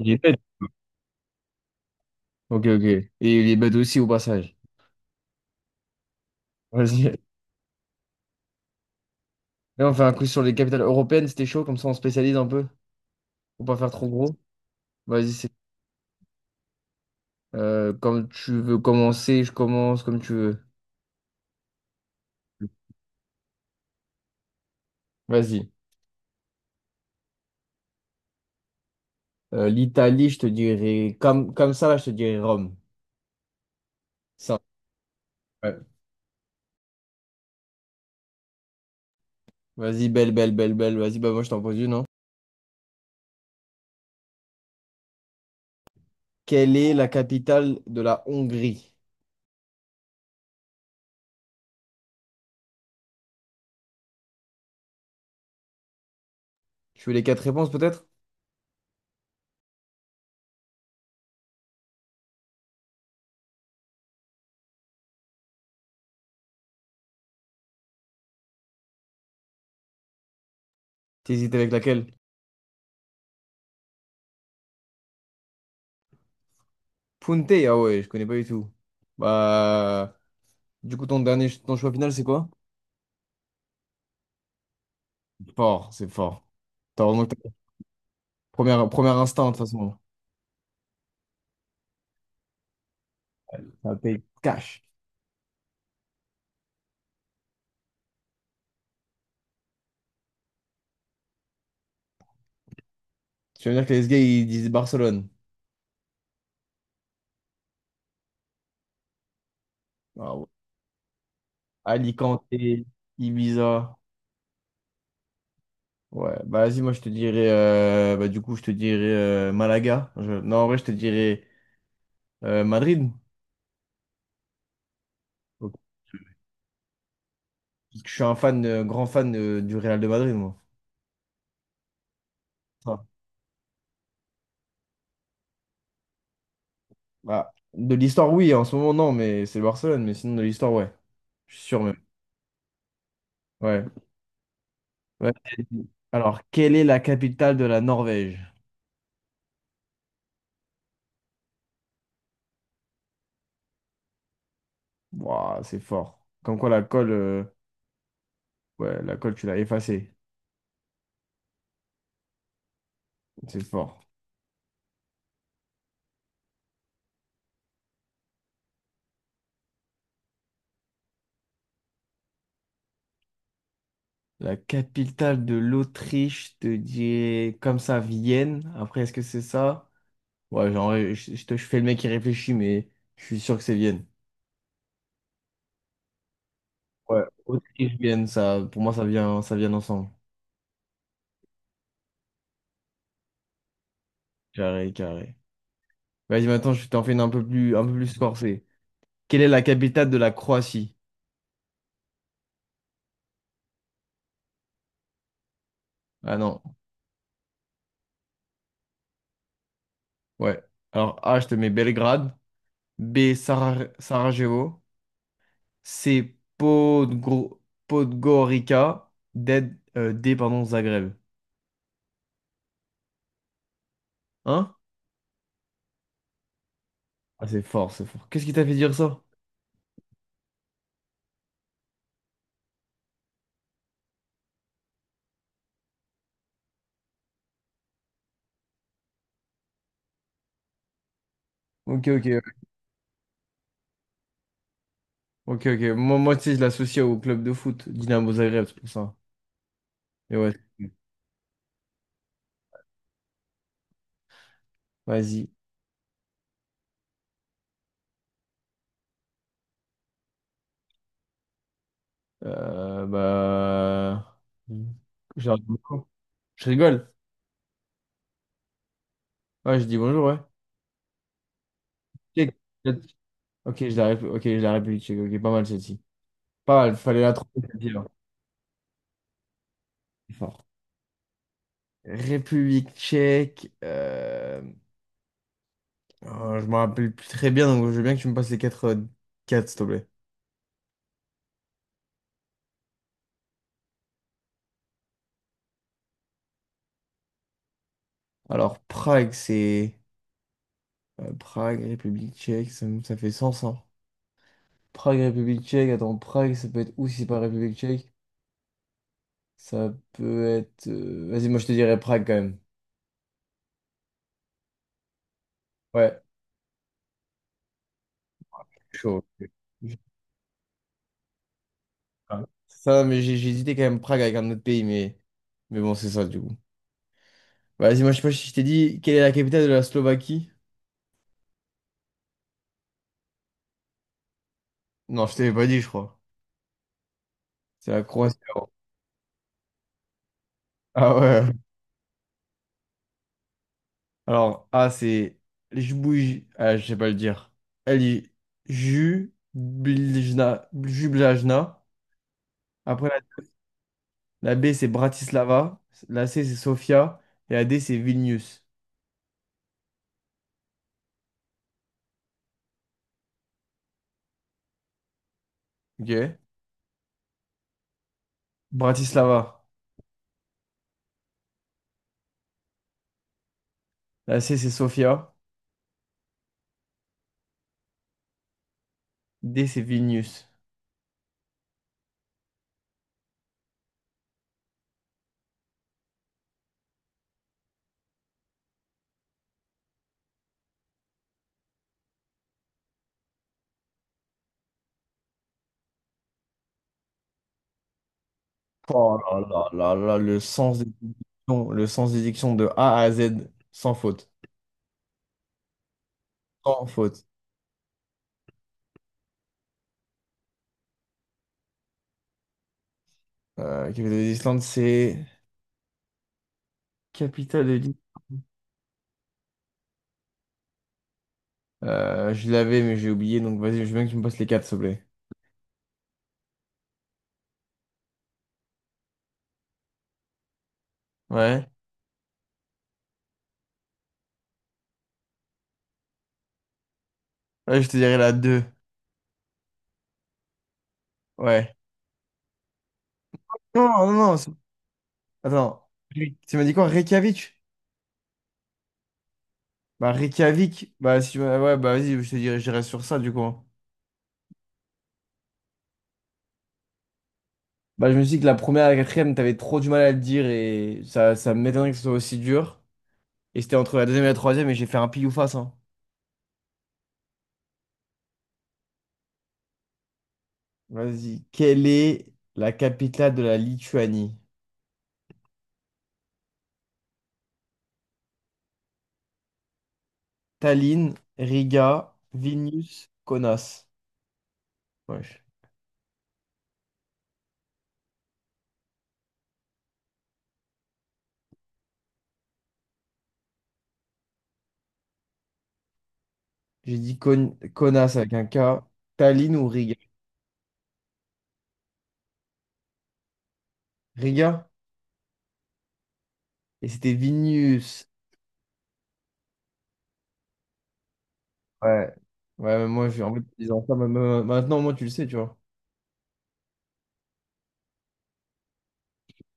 Il est bête. Ok, ok. Et il est bête aussi au passage. Vas-y. Là, on fait un coup sur les capitales européennes, c'était chaud, comme ça on spécialise un peu. Faut pas faire trop gros. Vas-y, c'est. Comme tu veux commencer, je commence comme tu veux. Vas-y. L'Italie, je te dirais. Comme ça, là, je te dirais Rome. Ça. Ouais. Vas-y, belle, belle, belle, belle. Vas-y, bah moi je t'en pose une, hein. Quelle est la capitale de la Hongrie? Tu veux les quatre réponses peut-être? T'hésites avec laquelle? Punta, ah ouais, je connais pas du tout. Bah. Du coup, ton dernier, ton choix final, c'est quoi? Fort, c'est fort. T'as vraiment que t'as- première, premier instinct, de toute façon. Ça paye cash. Tu veux dire que les gars, ils disent Barcelone. Ah ouais. Alicante, Ibiza. Ouais, bah vas-y, moi je te dirais, bah, du coup, je te dirais Malaga. Je- Non, en vrai, je te dirais Madrid. Ok. Parce que je suis un fan, grand fan du Real de Madrid, moi. Ça. Bah, de l'histoire, oui, en ce moment, non, mais c'est le Barcelone, mais sinon de l'histoire, ouais. Je suis sûr même. Ouais. Ouais. Alors, quelle est la capitale de la Norvège? Waouh, c'est fort. Comme quoi la colle, ouais, la colle, tu l'as effacée. C'est fort. La capitale de l'Autriche, je te dis comme ça, Vienne. Après, est-ce que c'est ça? Ouais, genre, ouais, je fais le mec qui réfléchit, mais je suis sûr que c'est Vienne. Ouais, Autriche, Vienne, ça, pour moi, ça vient ensemble. Carré, carré. Vas-y, maintenant, je t'en fais une un peu plus corsée. Quelle est la capitale de la Croatie? Ah non, ouais. Alors, A, je te mets Belgrade. B, Sarajevo. C'est Podgorica D, pardon, Zagreb. Hein? Ah, c'est fort, c'est fort. Qu'est-ce qui t'a fait dire ça? Ok, ok, ouais. Ok, ok. Moi, moi, tu sais, je l'associe au club de foot, Dynamo Zagreb, c'est pour ça. Mais ouais, vas-y. Euh, bah... Je rigole. Je rigole. Ouais, je dis bonjour, ouais. Check. Ok, je la réplique. Ok, je la République tchèque. Ok, pas mal celle-ci. Pas mal, fallait la trouver. Celle-ci, là. C'est fort. République tchèque. Je me rappelle plus très bien, donc je veux bien que tu me passes les quatre, quatre, s'il te plaît. Alors, Prague, c'est Prague, République tchèque, ça fait sens, hein. Prague, République tchèque, attends, Prague, ça peut être où si c'est pas République tchèque? Ça peut être. Vas-y, moi je te dirais Prague quand même. Ouais, chaud. J'ai- ah. Ça, mais j'ai hésité quand même Prague avec un autre pays, mais bon, c'est ça du coup. Bah, vas-y, moi je sais pas si je t'ai dit quelle est la capitale de la Slovaquie. Non, je t'avais pas dit, je crois. C'est la Croatie. Ah ouais. Alors, A, c'est Ah, je sais pas le dire. Elle est Jubljna. Jubljana. Après, la B, c'est Bratislava. La C, c'est Sofia. Et la D, c'est Vilnius. OK? Bratislava. La C, c'est Sofia. D, c'est Vilnius. Oh là là là là, le sens des dictions, le sens des dictions de A à Z, sans faute. Sans faute. Capitale de l'Islande, c'est... Capitale de l'Islande. Je l'avais, mais j'ai oublié, donc vas-y, je veux bien que tu me passes les quatre, s'il te plaît. Ouais. Ouais, je te dirais la deux. Ouais. Non, non, non. C'est- Attends. Oui. Tu m'as dit quoi? Reykjavik? Bah, Reykjavik. Bah, si... ouais, bah, vas-y, je te dirais, je dirais sur ça, du coup. Bah, je me suis dit que la première et la quatrième, t'avais trop du mal à le dire et ça m'étonnerait que ce soit aussi dur. Et c'était entre la deuxième et la troisième et j'ai fait un pile ou face, hein. Vas-y. Quelle est la capitale de la Lituanie? Tallinn, Riga, Vilnius, Kaunas. Ouais. J'ai dit Konas avec un K. Tallinn ou Riga? Riga? Et c'était Vilnius. Ouais. Ouais, mais moi, je, en fait, en disant ça, maintenant, moi, tu le sais, tu vois.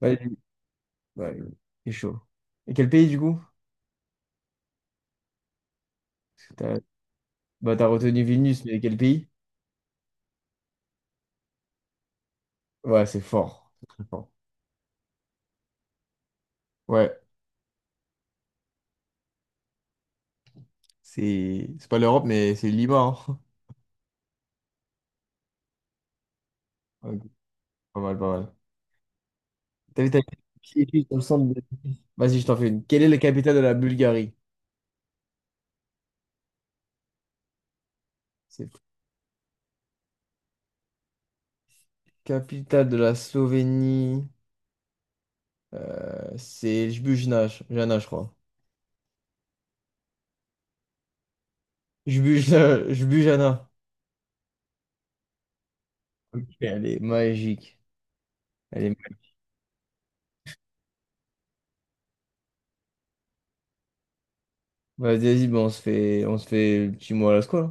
Ouais, j'ai- ouais, c'est chaud. Et quel pays, du coup? Parce que t'as bah, t'as retenu Vilnius, mais quel pays? Ouais, c'est fort. C'est très fort. Ouais, c'est pas l'Europe, mais c'est Lima, hein. Ouais, ok. Pas mal, pas mal. T'as vu, t'as qui est dans le centre de- Vas-y, je t'en fais une. Quelle est la capitale de la Bulgarie? C'est capitale de la Slovénie. C'est Jbujna, Jana, je crois. Jbujna, Jbujana. Ok. Elle est magique. Elle est... Vas-y, vas-y, ben, on se fait le petit mot à la squale.